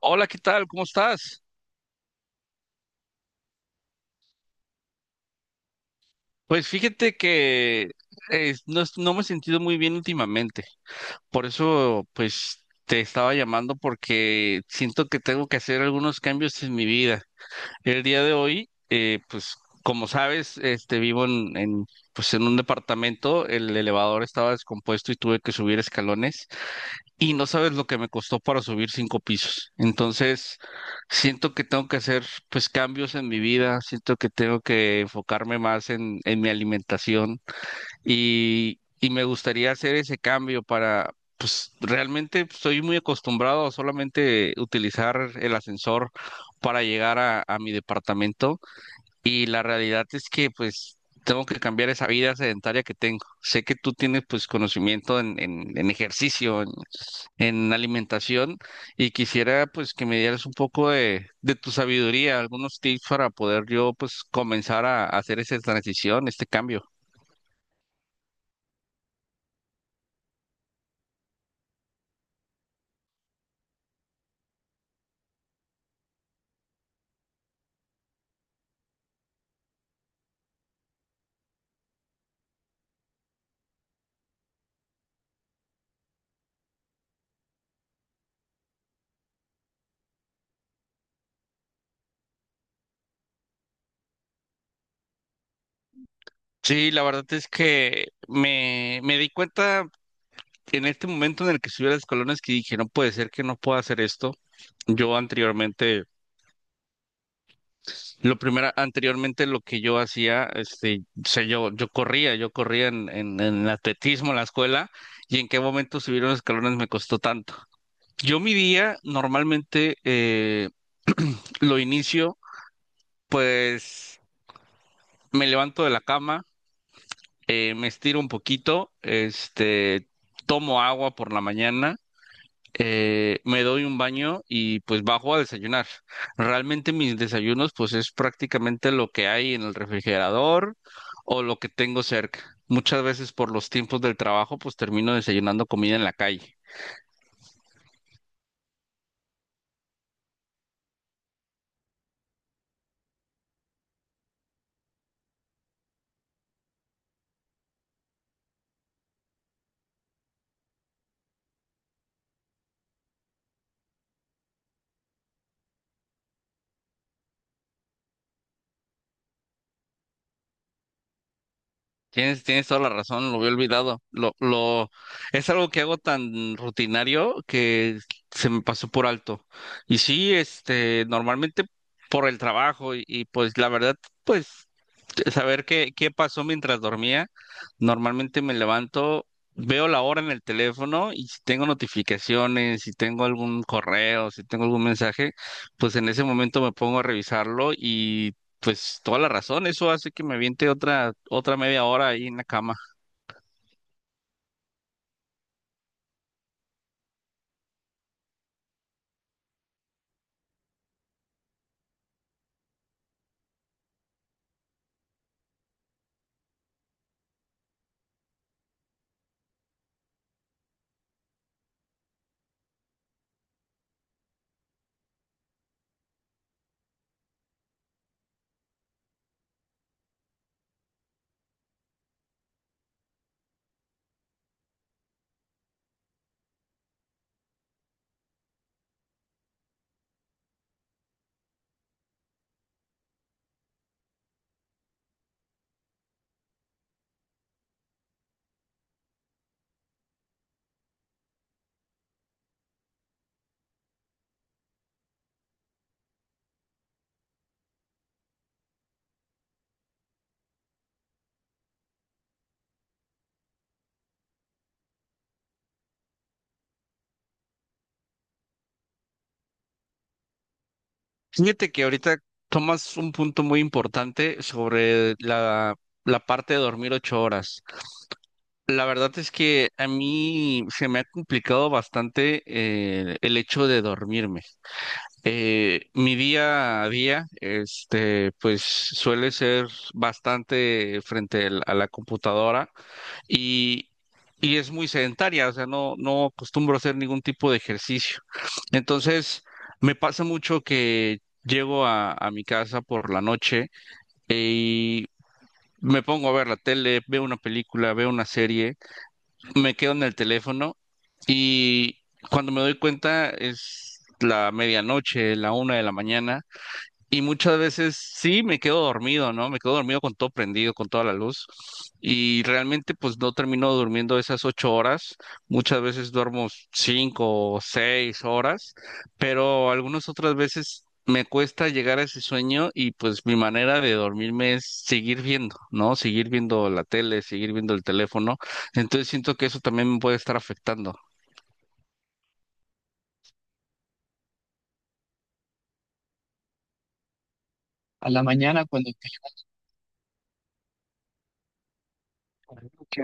Hola, ¿qué tal? ¿Cómo estás? Pues fíjate que no, no me he sentido muy bien últimamente. Por eso, pues, te estaba llamando porque siento que tengo que hacer algunos cambios en mi vida. El día de hoy, pues, como sabes, vivo en pues, en un departamento. El elevador estaba descompuesto y tuve que subir escalones. Y no sabes lo que me costó para subir 5 pisos. Entonces, siento que tengo que hacer pues cambios en mi vida, siento que tengo que enfocarme más en mi alimentación y me gustaría hacer ese cambio para, pues realmente estoy muy acostumbrado a solamente utilizar el ascensor para llegar a mi departamento y la realidad es que pues tengo que cambiar esa vida sedentaria que tengo. Sé que tú tienes pues conocimiento en ejercicio, en alimentación y quisiera pues que me dieras un poco de tu sabiduría, algunos tips para poder yo pues comenzar a hacer esa transición, este cambio. Sí, la verdad es que me di cuenta en este momento en el que subí a las colones que dije, no puede ser que no pueda hacer esto. Yo anteriormente. Lo primero, anteriormente lo que yo hacía, yo corría yo corría en en atletismo en la escuela y en qué momento subir los escalones me costó tanto. Yo mi día normalmente lo inicio, pues me levanto de la cama, me estiro un poquito, tomo agua por la mañana, me doy un baño y pues bajo a desayunar. Realmente mis desayunos pues es prácticamente lo que hay en el refrigerador o lo que tengo cerca. Muchas veces por los tiempos del trabajo pues termino desayunando comida en la calle. Tienes toda la razón, lo había olvidado. Es algo que hago tan rutinario que se me pasó por alto. Y sí, normalmente por el trabajo y pues la verdad, pues saber qué, pasó mientras dormía, normalmente me levanto, veo la hora en el teléfono y si tengo notificaciones, si tengo algún correo, si tengo algún mensaje, pues en ese momento me pongo a revisarlo y pues toda la razón, eso hace que me aviente otra media hora ahí en la cama. Fíjate que ahorita tomas un punto muy importante sobre la parte de dormir 8 horas. La verdad es que a mí se me ha complicado bastante, el hecho de dormirme. Mi día a día, pues suele ser bastante a la computadora y, y es muy sedentaria, o sea, no acostumbro a hacer ningún tipo de ejercicio. Entonces, me pasa mucho que llego a mi casa por la noche, eh, y me pongo a ver la tele, veo una película, veo una serie, me quedo en el teléfono y cuando me doy cuenta es la medianoche, la 1 de la mañana, y muchas veces sí me quedo dormido, ¿no? Me quedo dormido con todo prendido, con toda la luz. Y realmente pues no termino durmiendo esas 8 horas. Muchas veces duermo 5 o 6 horas, pero algunas otras veces me cuesta llegar a ese sueño y pues mi manera de dormirme es seguir viendo, ¿no? Seguir viendo la tele, seguir viendo el teléfono. Entonces siento que eso también me puede estar afectando. A la mañana, cuando te.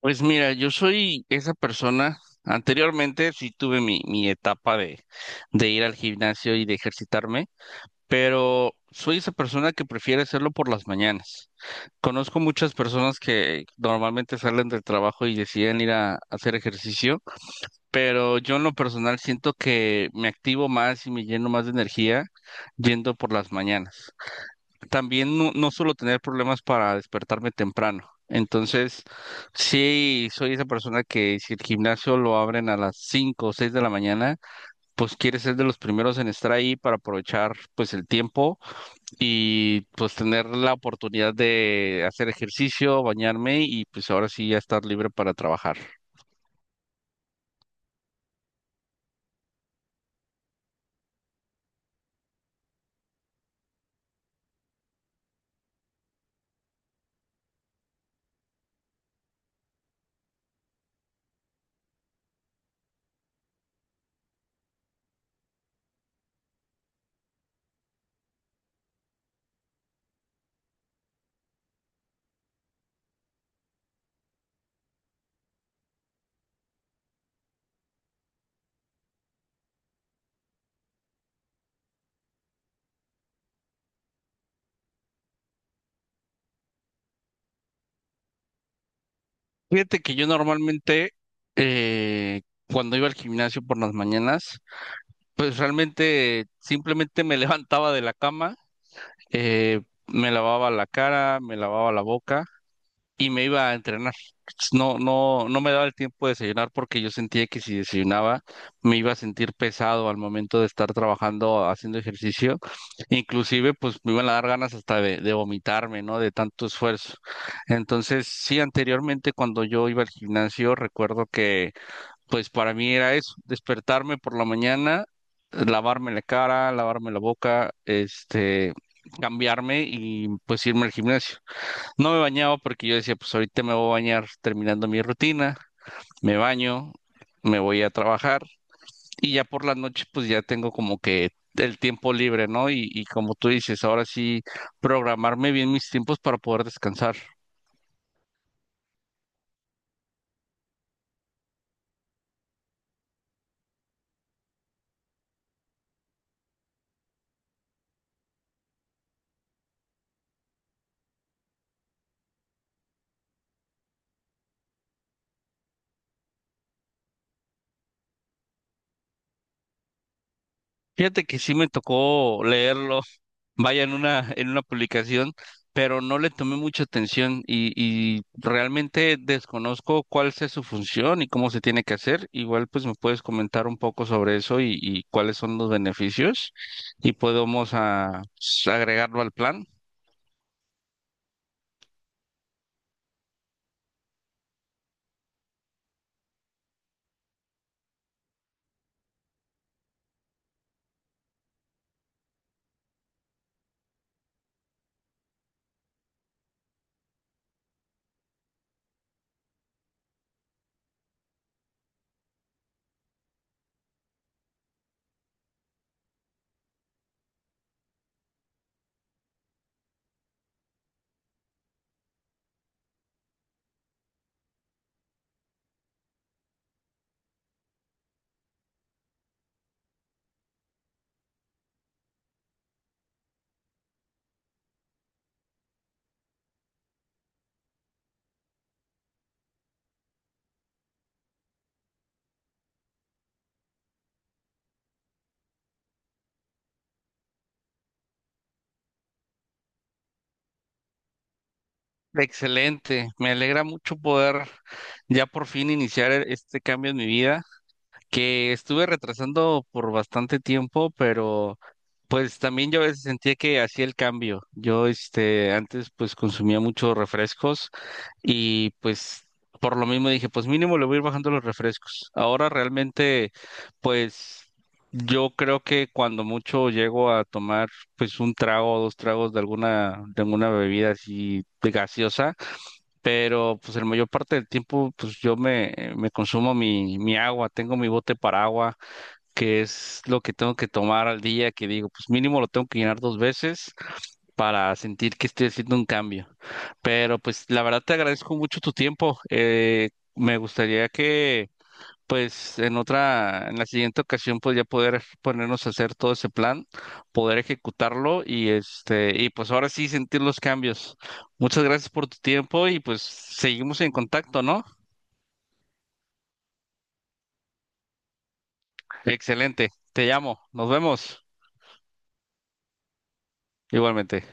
Pues mira, yo soy esa persona. Anteriormente sí tuve mi etapa de ir al gimnasio y de ejercitarme, pero soy esa persona que prefiere hacerlo por las mañanas. Conozco muchas personas que normalmente salen del trabajo y deciden ir a hacer ejercicio, pero yo en lo personal siento que me activo más y me lleno más de energía yendo por las mañanas, también no suelo tener problemas para despertarme temprano. Entonces, sí, soy esa persona que si el gimnasio lo abren a las 5 o 6 de la mañana, pues quiere ser de los primeros en estar ahí para aprovechar pues el tiempo y pues tener la oportunidad de hacer ejercicio, bañarme y pues ahora sí ya estar libre para trabajar. Fíjate que yo normalmente, eh, cuando iba al gimnasio por las mañanas, pues realmente simplemente me levantaba de la cama, eh, me lavaba la cara, me lavaba la boca y me iba a entrenar. No me daba el tiempo de desayunar porque yo sentía que si desayunaba me iba a sentir pesado al momento de estar trabajando, haciendo ejercicio. Inclusive, pues me iban a dar ganas hasta de vomitarme, ¿no? De tanto esfuerzo. Entonces, sí, anteriormente cuando yo iba al gimnasio, recuerdo que pues para mí era eso, despertarme por la mañana, lavarme la cara, lavarme la boca, cambiarme y pues irme al gimnasio. No me bañaba porque yo decía, pues ahorita me voy a bañar terminando mi rutina, me baño, me voy a trabajar y ya por la noche pues ya tengo como que el tiempo libre, ¿no? Y como tú dices, ahora sí programarme bien mis tiempos para poder descansar. Fíjate que sí me tocó leerlo, vaya en una publicación, pero no le tomé mucha atención y realmente desconozco cuál es su función y cómo se tiene que hacer. Igual pues me puedes comentar un poco sobre eso y cuáles son los beneficios y podemos, pues, agregarlo al plan. Excelente, me alegra mucho poder ya por fin iniciar, este cambio en mi vida, que estuve retrasando por bastante tiempo, pero pues también yo a veces sentía que hacía el cambio. Yo, antes pues consumía muchos refrescos y pues por lo mismo dije, pues mínimo le voy a ir bajando los refrescos. Ahora realmente, pues yo creo que cuando mucho llego a tomar pues un trago o dos tragos de alguna bebida así de gaseosa, pero pues el mayor parte del tiempo pues yo me consumo mi agua, tengo mi bote para agua, que es lo que tengo que tomar al día, que digo, pues mínimo lo tengo que llenar 2 veces para sentir que estoy haciendo un cambio. Pero pues la verdad te agradezco mucho tu tiempo. Me gustaría que pues en la siguiente ocasión, pues ya poder ponernos a hacer todo ese plan, poder ejecutarlo y pues ahora sí sentir los cambios. Muchas gracias por tu tiempo y pues seguimos en contacto, ¿no? Excelente. Te llamo. Nos vemos. Igualmente.